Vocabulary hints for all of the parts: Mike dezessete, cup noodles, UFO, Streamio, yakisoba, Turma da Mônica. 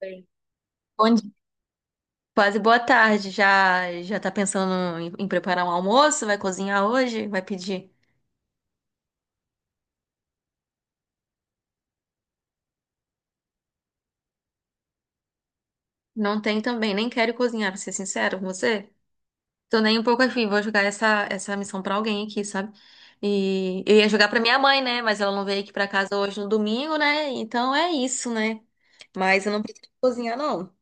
Sim. Bom dia. Quase boa tarde. Já já tá pensando em preparar um almoço? Vai cozinhar hoje? Vai pedir? Não tem também. Nem quero cozinhar, pra ser sincero com você. Tô nem um pouco afim. Vou jogar essa missão pra alguém aqui, sabe? E eu ia jogar pra minha mãe, né? Mas ela não veio aqui pra casa hoje no domingo, né? Então é isso, né? Mas eu não preciso cozinhar, não.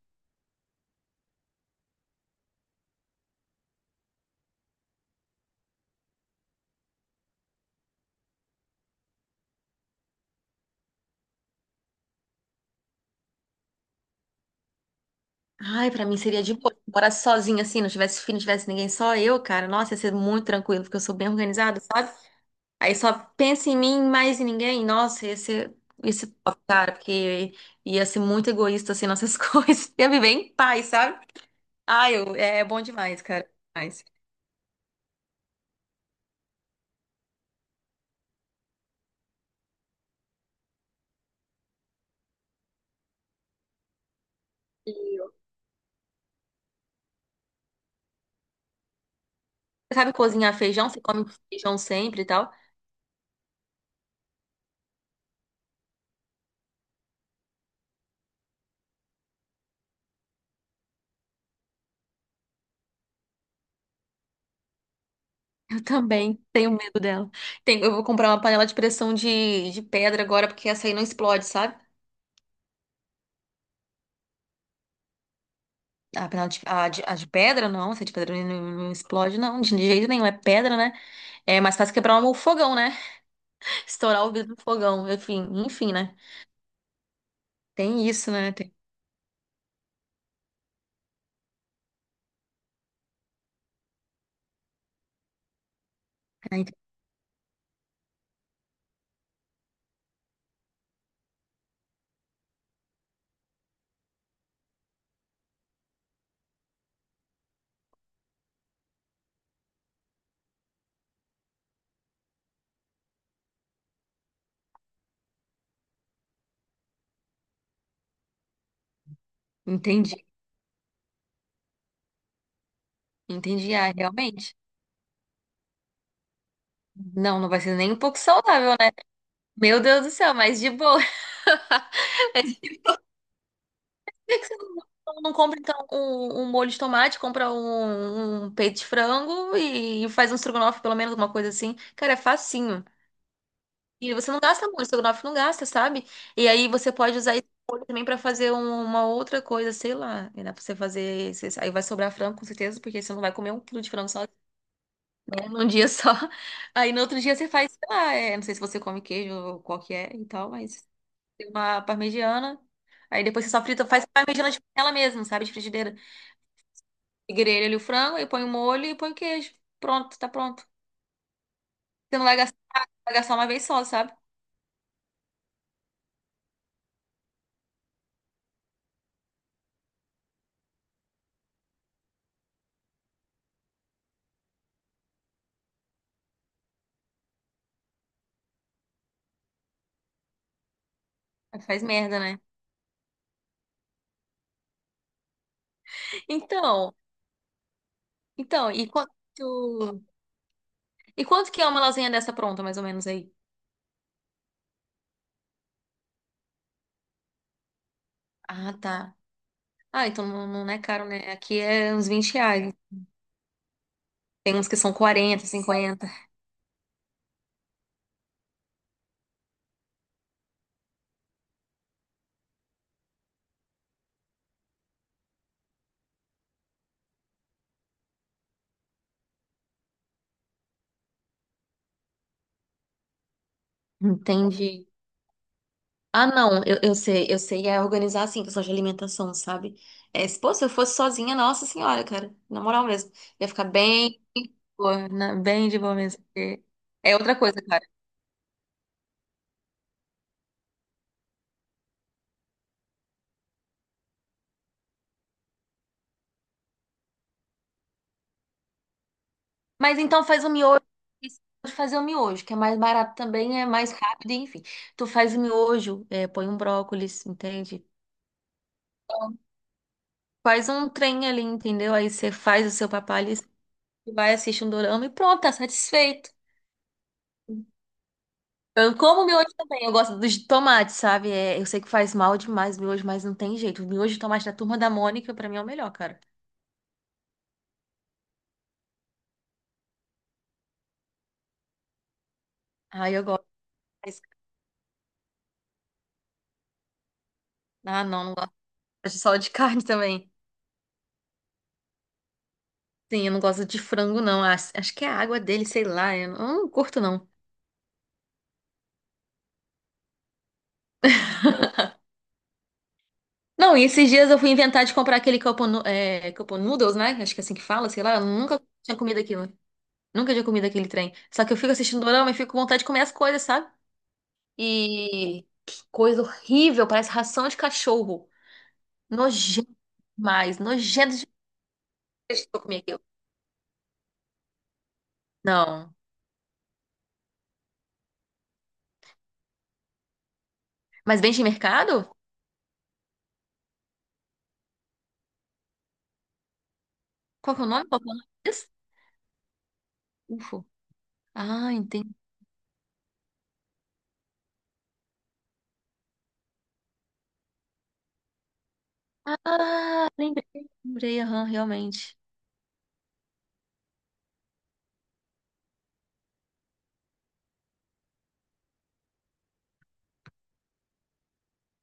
Ai, pra mim seria de boa. Se eu morasse sozinha assim, não tivesse filho, não tivesse ninguém, só eu, cara. Nossa, ia ser muito tranquilo, porque eu sou bem organizada, sabe? Aí só pensa em mim, mais em ninguém. Nossa, esse top, cara, porque ia ser muito egoísta assim nossas coisas. Ia viver em paz, sabe? Ah, eu, é bom demais, cara. Demais. Você sabe cozinhar feijão? Você come feijão sempre e tal? Eu também tenho medo dela. Tem, eu vou comprar uma panela de pressão de pedra agora, porque essa aí não explode, sabe? A, penal de, a, de, a de pedra, não. Se a de pedra não, não explode, não. De jeito nenhum. É pedra, né? É mais fácil quebrar o fogão, né? Estourar o vidro do fogão. Enfim, enfim, né? Tem isso, né? Ah, ent- Entendi. Entendi. Ah, realmente. Não, não vai ser nem um pouco saudável, né? Meu Deus do céu, mas de boa. Mas por que que você não compra, então, um molho de tomate, compra um peito de frango e faz um estrogonofe, pelo menos, alguma coisa assim? Cara, é facinho. E você não gasta muito, estrogonofe não gasta, sabe? E aí você pode usar esse molho também pra fazer uma outra coisa, sei lá. E dá pra você fazer aí vai sobrar frango, com certeza, porque você não vai comer um quilo de frango só, né, num dia só. Aí no outro dia você faz, sei lá, é, não sei se você come queijo ou qual que é e tal, mas tem uma parmegiana. Aí depois você só frita, faz parmegiana de panela mesmo, sabe? De frigideira. E grelha ali o frango, aí põe o molho e põe o queijo. Pronto, tá pronto. Você não vai gastar, vai gastar uma vez só, sabe? Aí faz merda, né? Então. Então, e quanto que é uma lasanha dessa pronta, mais ou menos aí? Ah, tá. Ah, então não, não é caro, né? Aqui é uns 20 reais. Tem uns que são 40, 50. Entendi. Ah, não, eu sei, eu sei, é organizar assim, questão de alimentação, sabe? É, se eu fosse sozinha, nossa senhora, cara, na moral mesmo, ia ficar bem, de boa, bem de boa mesmo, porque é outra coisa, cara. Mas então faz o miojo, esqueci de fazer o miojo, que é mais barato também, é mais rápido, enfim. Tu faz o miojo, é, põe um brócolis, entende? Faz um trem ali, entendeu? Aí você faz o seu papalis, vai, assiste um dorama e pronto, tá satisfeito. Eu como miojo também, eu gosto dos de tomate, sabe? É, eu sei que faz mal demais o miojo, mas não tem jeito. O miojo de tomate da Turma da Mônica, pra mim, é o melhor, cara. Aí eu gosto, mas- ah, não, não gosto só de carne também. Sim, eu não gosto de frango, não. Acho que é a água dele, sei lá. Eu não curto, não. Não, e esses dias eu fui inventar de comprar aquele cup noodles, né? Acho que é assim que fala, sei lá. Eu nunca tinha comido aquilo. Nunca tinha comido aquele trem. Só que eu fico assistindo dorama e fico com vontade de comer as coisas, sabe? E que coisa horrível, parece ração de cachorro. Nojento nojento demais que eu comi aquilo. Não. Mas vende em mercado? Qual que é o nome? Qual que é o nome disso? Ufo. Ah, entendi. Ah, lembrei, lembrei, aham, realmente.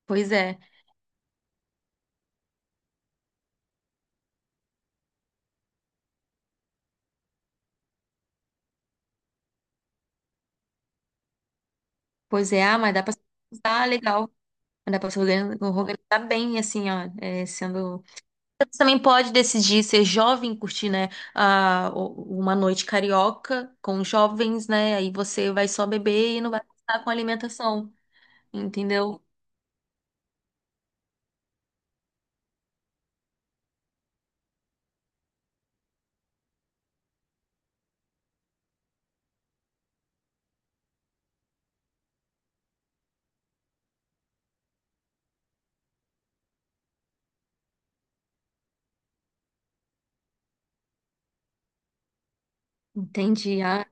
Pois é. Pois é, ah, mas dá pra... Ah, legal. Dá pra se organizar bem, assim, ó, é, sendo... Você também pode decidir ser jovem, curtir, né, uma noite carioca com jovens, né, aí você vai só beber e não vai gastar com alimentação, entendeu? Entendi, ah,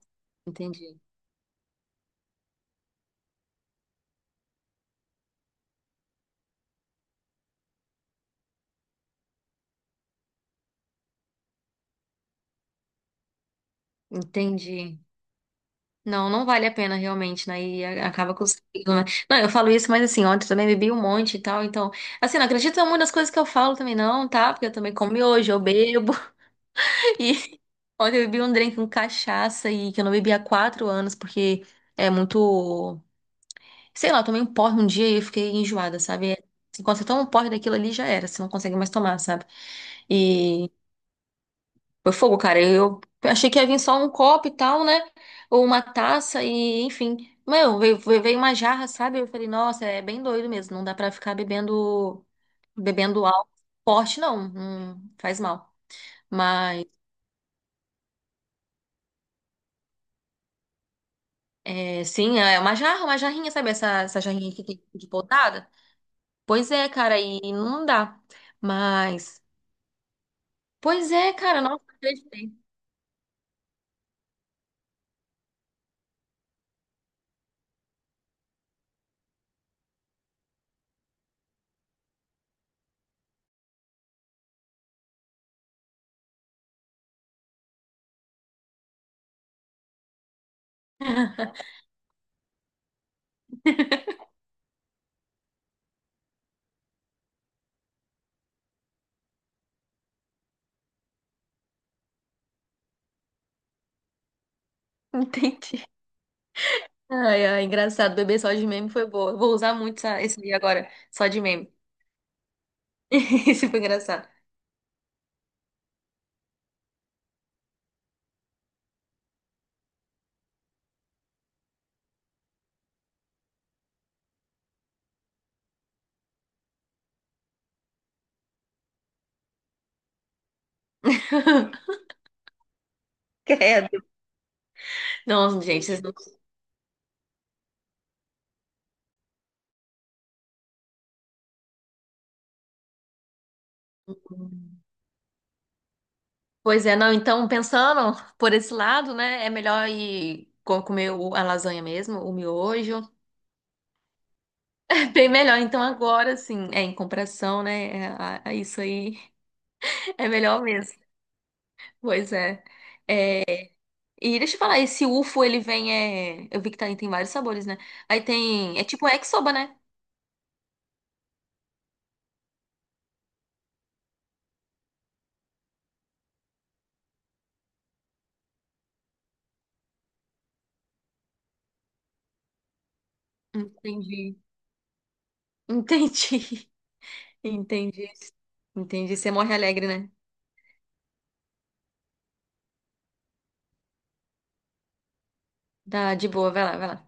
entendi, entendi. Não, não vale a pena realmente, né, e acaba com o sentido, né? Não, eu falo isso, mas assim, ontem eu também bebi um monte e tal, então, assim, não acredita em muitas coisas que eu falo também não, tá? Porque eu também como miojo, eu bebo, e ontem eu bebi um drink com cachaça e que eu não bebia há 4 anos, porque é muito. Sei lá, eu tomei um porre um dia e eu fiquei enjoada, sabe? É, assim, quando você toma um porre daquilo ali, já era, você não consegue mais tomar, sabe? E foi fogo, cara. Eu achei que ia vir só um copo e tal, né? Ou uma taça e, enfim. Meu, veio uma jarra, sabe? Eu falei, nossa, é bem doido mesmo. Não dá pra ficar bebendo álcool forte, não. Não faz mal. Mas. É, sim, é uma jarra, uma jarrinha, sabe? Essa jarrinha que tem de podada. Pois é, cara, e não dá. Mas, pois é, cara, nossa, acreditei. Entendi. Ai, ai, engraçado. Bebê só de meme foi boa. Eu vou usar muito esse dia agora, só de meme. Esse foi engraçado. Credo. Não, gente, vocês não. Pois é, não. Então, pensando por esse lado, né? É melhor ir comer a lasanha mesmo, o miojo. Bem melhor, então agora sim, é em comparação, né? É, a isso aí é melhor mesmo. Pois é. E deixa eu falar, esse UFO ele vem, é, eu vi que tá, tem vários sabores, né? Aí tem, é tipo yakisoba, né? Entendi. Entendi. Entendi. Entendi. Você morre alegre, né? Tá de boa, vai lá, vai lá.